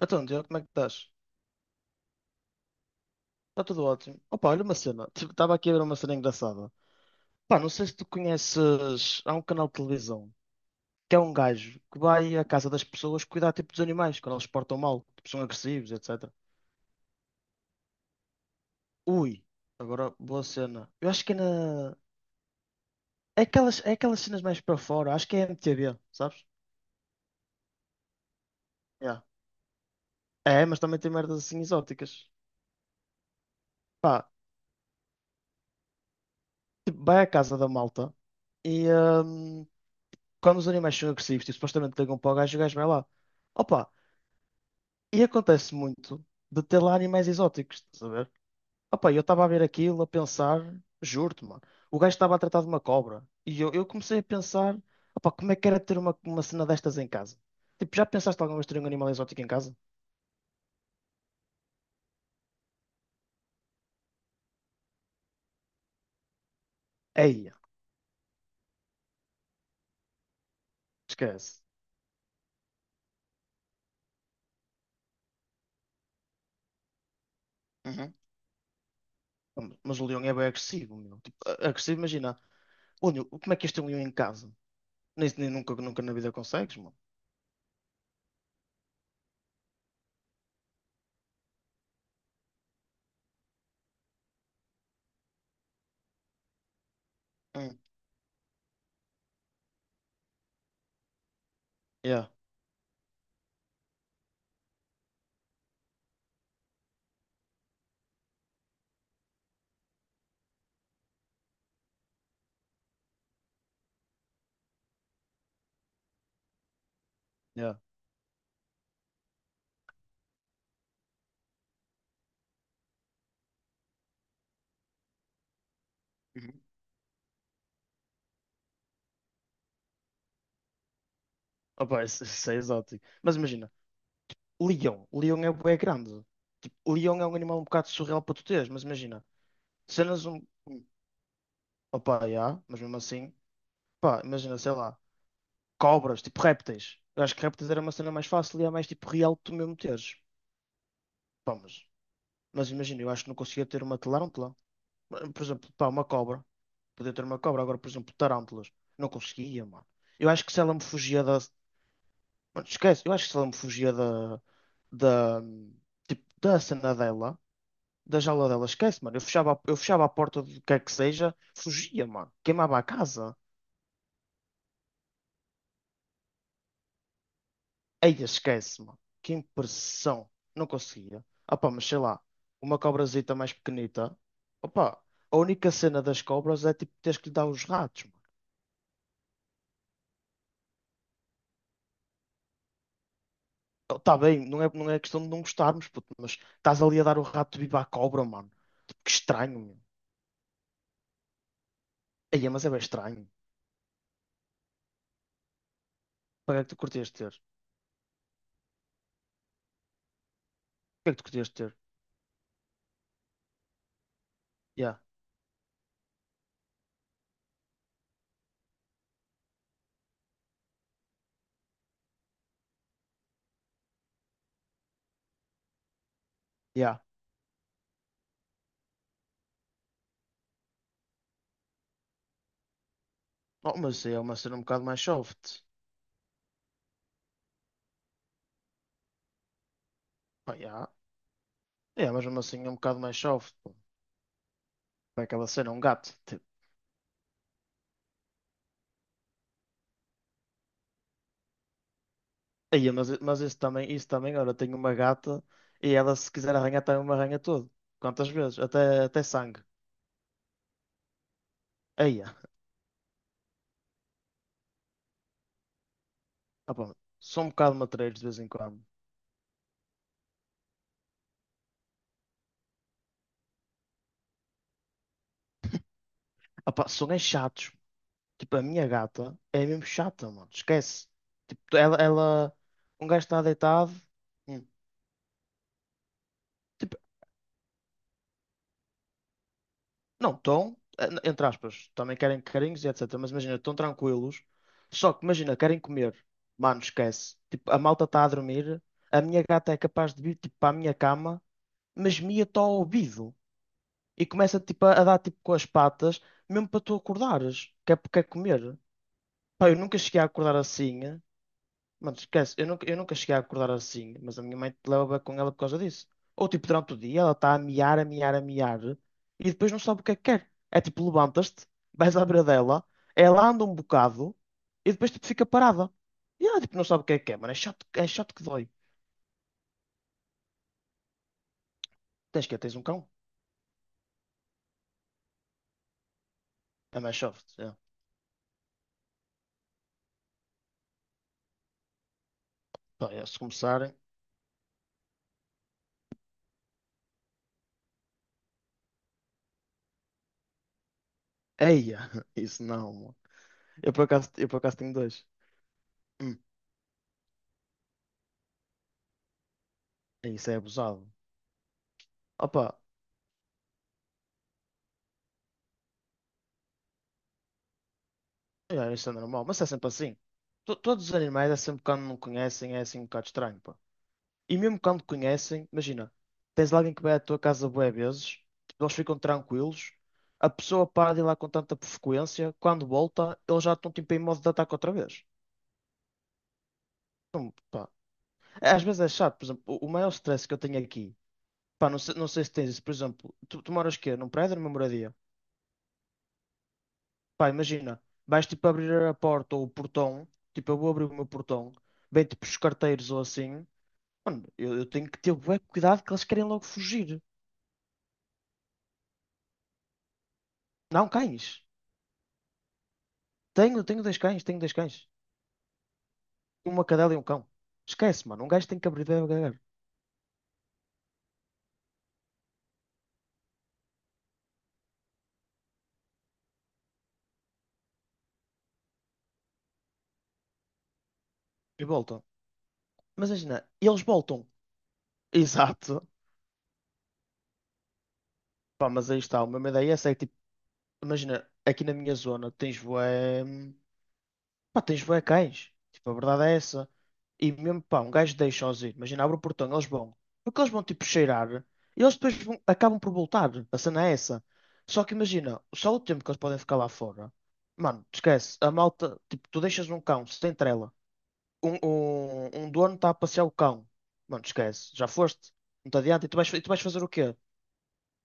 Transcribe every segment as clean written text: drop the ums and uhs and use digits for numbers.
Então, Diogo, como é que estás? Está tudo ótimo. Opa, olha uma cena. Tipo, estava aqui a ver uma cena engraçada. Pá, não sei se tu conheces. Há um canal de televisão que é um gajo que vai à casa das pessoas cuidar tipo dos animais quando eles se portam mal, tipo, são agressivos, etc. Ui, agora boa cena. Eu acho que é na. É aquelas cenas mais para fora. Acho que é MTV, sabes? Yeah. É, mas também tem merdas assim exóticas. Pá, tipo, vai à casa da malta e hum, quando os animais são agressivos, tipo, supostamente ligam para o gajo vai lá. Opa. E acontece muito de ter lá animais exóticos, estás a ver? Opa, eu estava a ver aquilo, a pensar, juro-te, mano, o gajo estava a tratar de uma cobra. E eu comecei a pensar, opa, como é que era ter uma cena destas em casa? Tipo, já pensaste alguma vez ter um animal exótico em casa? Eia, esquece. Uhum. Mas o leão é bem agressivo, meu. Tipo, agressivo, imagina. Ô, Nil, como é que este é um leão em casa? Nem nunca na vida consegues, mano. Uhum. Yeah, yeah. Uhum. Opa, isso é exótico. Mas imagina. Leão. Leão é bué grande. Tipo, leão é um animal um bocado surreal para tu teres, mas imagina, cenas um. Opa, já, mas mesmo assim, pá, imagina, sei lá, cobras, tipo répteis. Eu acho que répteis era uma cena mais fácil e é mais tipo real que tu mesmo teres. Pá, mas imagina, eu acho que não conseguia ter uma tarântula. Por exemplo, pá, uma cobra. Podia ter uma cobra, agora, por exemplo, tarântulas. Não conseguia, mano. Eu acho que se ela me fugia da. Mano, esquece, eu acho que se ela me fugia da. Tipo, da cena dela. Da jaula dela, esquece, mano. Eu fechava a porta do que é que seja, fugia, mano. Queimava a casa. Aí esquece, mano. Que impressão. Não conseguia. Ah, pá, mas sei lá, uma cobrazita mais pequenita. Opa, a única cena das cobras é tipo teres que lhe dar os ratos, mano. Tá bem, não é questão de não gostarmos, puto, mas estás ali a dar o rato vivo à cobra, mano. Tipo, que estranho, meu. Aí, mas é bem estranho. Para que é que tu curtias ter? Para que é que tu curtias ter? Yeah, yeah. Oh, mas é uma cena um bocado mais soft. Pá, yeah. É, mas mesmo assim é um bocado mais soft. Pô. Para aquela cena, um gato. Tipo, aí, mas isso também, olha, tenho uma gata e ela se quiser arranhar também me arranha todo. Quantas vezes? Até sangue. Aí, ah, pá, são um bocado matreiros de vez em quando. Ah, pá, são é chatos. Tipo, a minha gata é mesmo chata, mano. Esquece. Tipo, ela, um gajo está deitado. Hum. Não, estão, entre aspas, também querem carinhos e etc. Mas imagina, estão tranquilos. Só que imagina, querem comer. Mano, esquece. Tipo, a malta está a dormir. A minha gata é capaz de vir tipo, para a minha cama, mas mia-te ao ouvido. E começa tipo, a dar tipo com as patas, mesmo para tu acordares. Que é porque é comer. Pá, eu nunca cheguei a acordar assim. Mano, esquece, eu nunca cheguei a acordar assim, mas a minha mãe te leva com ela por causa disso. Ou tipo, durante o dia ela está a miar, a miar, a miar, e depois não sabe o que é que quer. É tipo, levantas-te, vais à beira dela, ela anda um bocado, e depois tipo, fica parada. E ela tipo, não sabe o que é que quer, mano, é chato que dói. Tens que tens um cão? É mais soft. É. Pá, é, se começarem. Eia, isso não, mano. Eu por acaso tenho dois. Hum, É isso é abusado. Opa, é isso é normal, mas é sempre assim. Todos os animais é sempre quando não conhecem, é assim um bocado estranho, pá. E mesmo quando conhecem, imagina, tens lá alguém que vai à tua casa bué vezes, tipo, eles ficam tranquilos, a pessoa para de ir lá com tanta frequência, quando volta, eles já estão tipo em modo de ataque outra vez. Não, pá. É, às vezes é chato, por exemplo, o maior stress que eu tenho aqui, pá, não sei se tens isso, por exemplo, tu moras quê? Num prédio ou numa moradia? Pá, imagina, vais tipo abrir a porta ou o portão, tipo, eu vou abrir o meu portão, vem tipo os carteiros ou assim. Mano, eu tenho que ter bué cuidado que eles querem logo fugir. Não, cães. Tenho dois cães, tenho dois cães. Uma cadela e um cão. Esquece, mano. Um gajo tem que abrir bem o gagar. E voltam. Mas imagina, eles voltam. Exato. Pá, mas aí está. A mesma ideia é essa. É que, tipo, imagina, aqui na minha zona tens bué. Pá, tens bué cães. Tipo, a verdade é essa. E mesmo, pá, um gajo deixa-os ir. Imagina, abre o portão, eles vão. Porque eles vão, tipo, cheirar. E eles depois acabam por voltar. A cena é essa. Só que imagina, só o tempo que eles podem ficar lá fora. Mano, te esquece. A malta, tipo, tu deixas um cão sem trela. Um dono está a passear o cão. Mano, te esquece. Já foste. Não te adianta. E tu vais fazer o quê?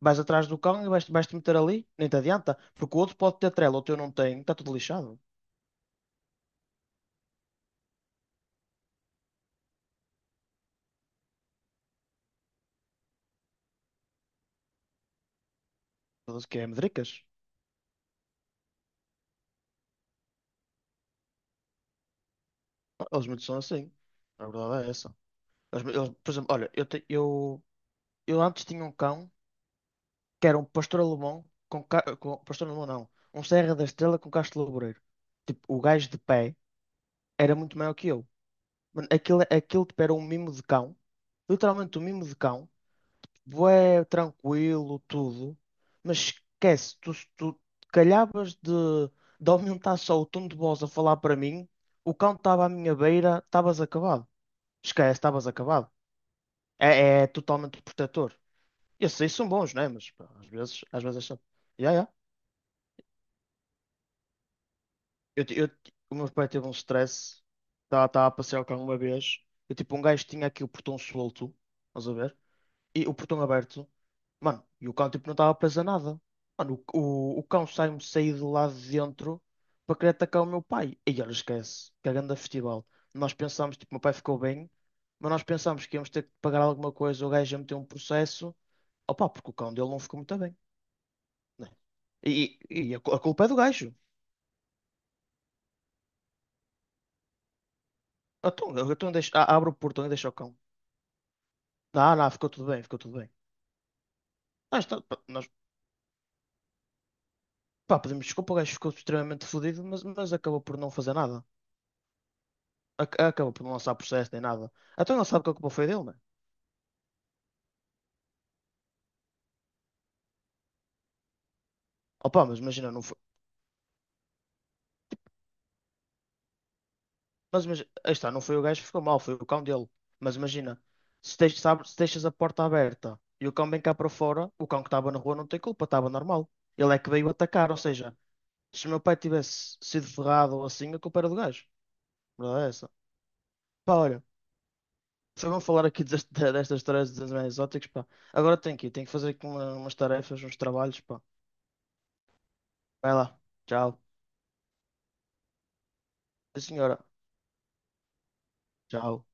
Vais atrás do cão e vais-te meter ali? Nem te adianta. Porque o outro pode ter trela, o teu não tem. Está tudo lixado. Tudo que é medricas. Eles muitos são assim. A verdade é essa. Por exemplo, olha, eu antes tinha um cão que era um pastor alemão com pastor alemão não, um Serra da Estrela com Castro Laboreiro. Tipo, o gajo de pé era muito maior que eu. Mano, aquilo tipo, era um mimo de cão, literalmente um mimo de cão, bué, tranquilo, tudo, mas esquece, tu calhavas de aumentar só o tom de voz a falar para mim, o cão estava à minha beira, estavas acabado. Esquece, estavas acabado. É totalmente protetor. Esses aí são bons, né? Mas pá, às vezes é chato. Yeah, yeah. O meu pai teve um stress. Estava a passear o carro uma vez. Eu, tipo, um gajo tinha aqui o portão solto. Estás a ver? E o portão aberto, mano, e o cão tipo não estava preso a nada. Mano, o cão sai-me sair de lá de dentro para querer atacar o meu pai. E olha, esquece, que é grande festival. Nós pensámos, tipo, meu pai ficou bem, mas nós pensámos que íamos ter que pagar alguma coisa, o gajo ia meter um processo. Opa, porque o cão dele não ficou muito bem, né? E, a culpa é do gajo. Então abro o portão e deixo o cão. Não, não, ficou tudo bem, ficou tudo bem. Nós, pá, pedimos desculpa, o gajo ficou extremamente fodido, mas acabou por não fazer nada. Acabou por não lançar processo nem nada. Então ele sabe que a culpa foi dele, né? Opa, mas imagina, não foi. Mas aí está, não foi o gajo que ficou mal, foi o cão dele. Mas imagina, se, teix- sabe- se deixas a porta aberta e o cão vem cá para fora, o cão que estava na rua não tem culpa, estava normal. Ele é que veio atacar, ou seja, se o meu pai tivesse sido ferrado ou assim, a culpa era do gajo. A verdade é essa. Pá, olha, só vamos falar aqui destas histórias dos animais exóticos, pá. Agora tenho que ir, tenho que fazer aqui umas tarefas, uns trabalhos, pá. Vai lá, tchau. Sim, senhora, tchau.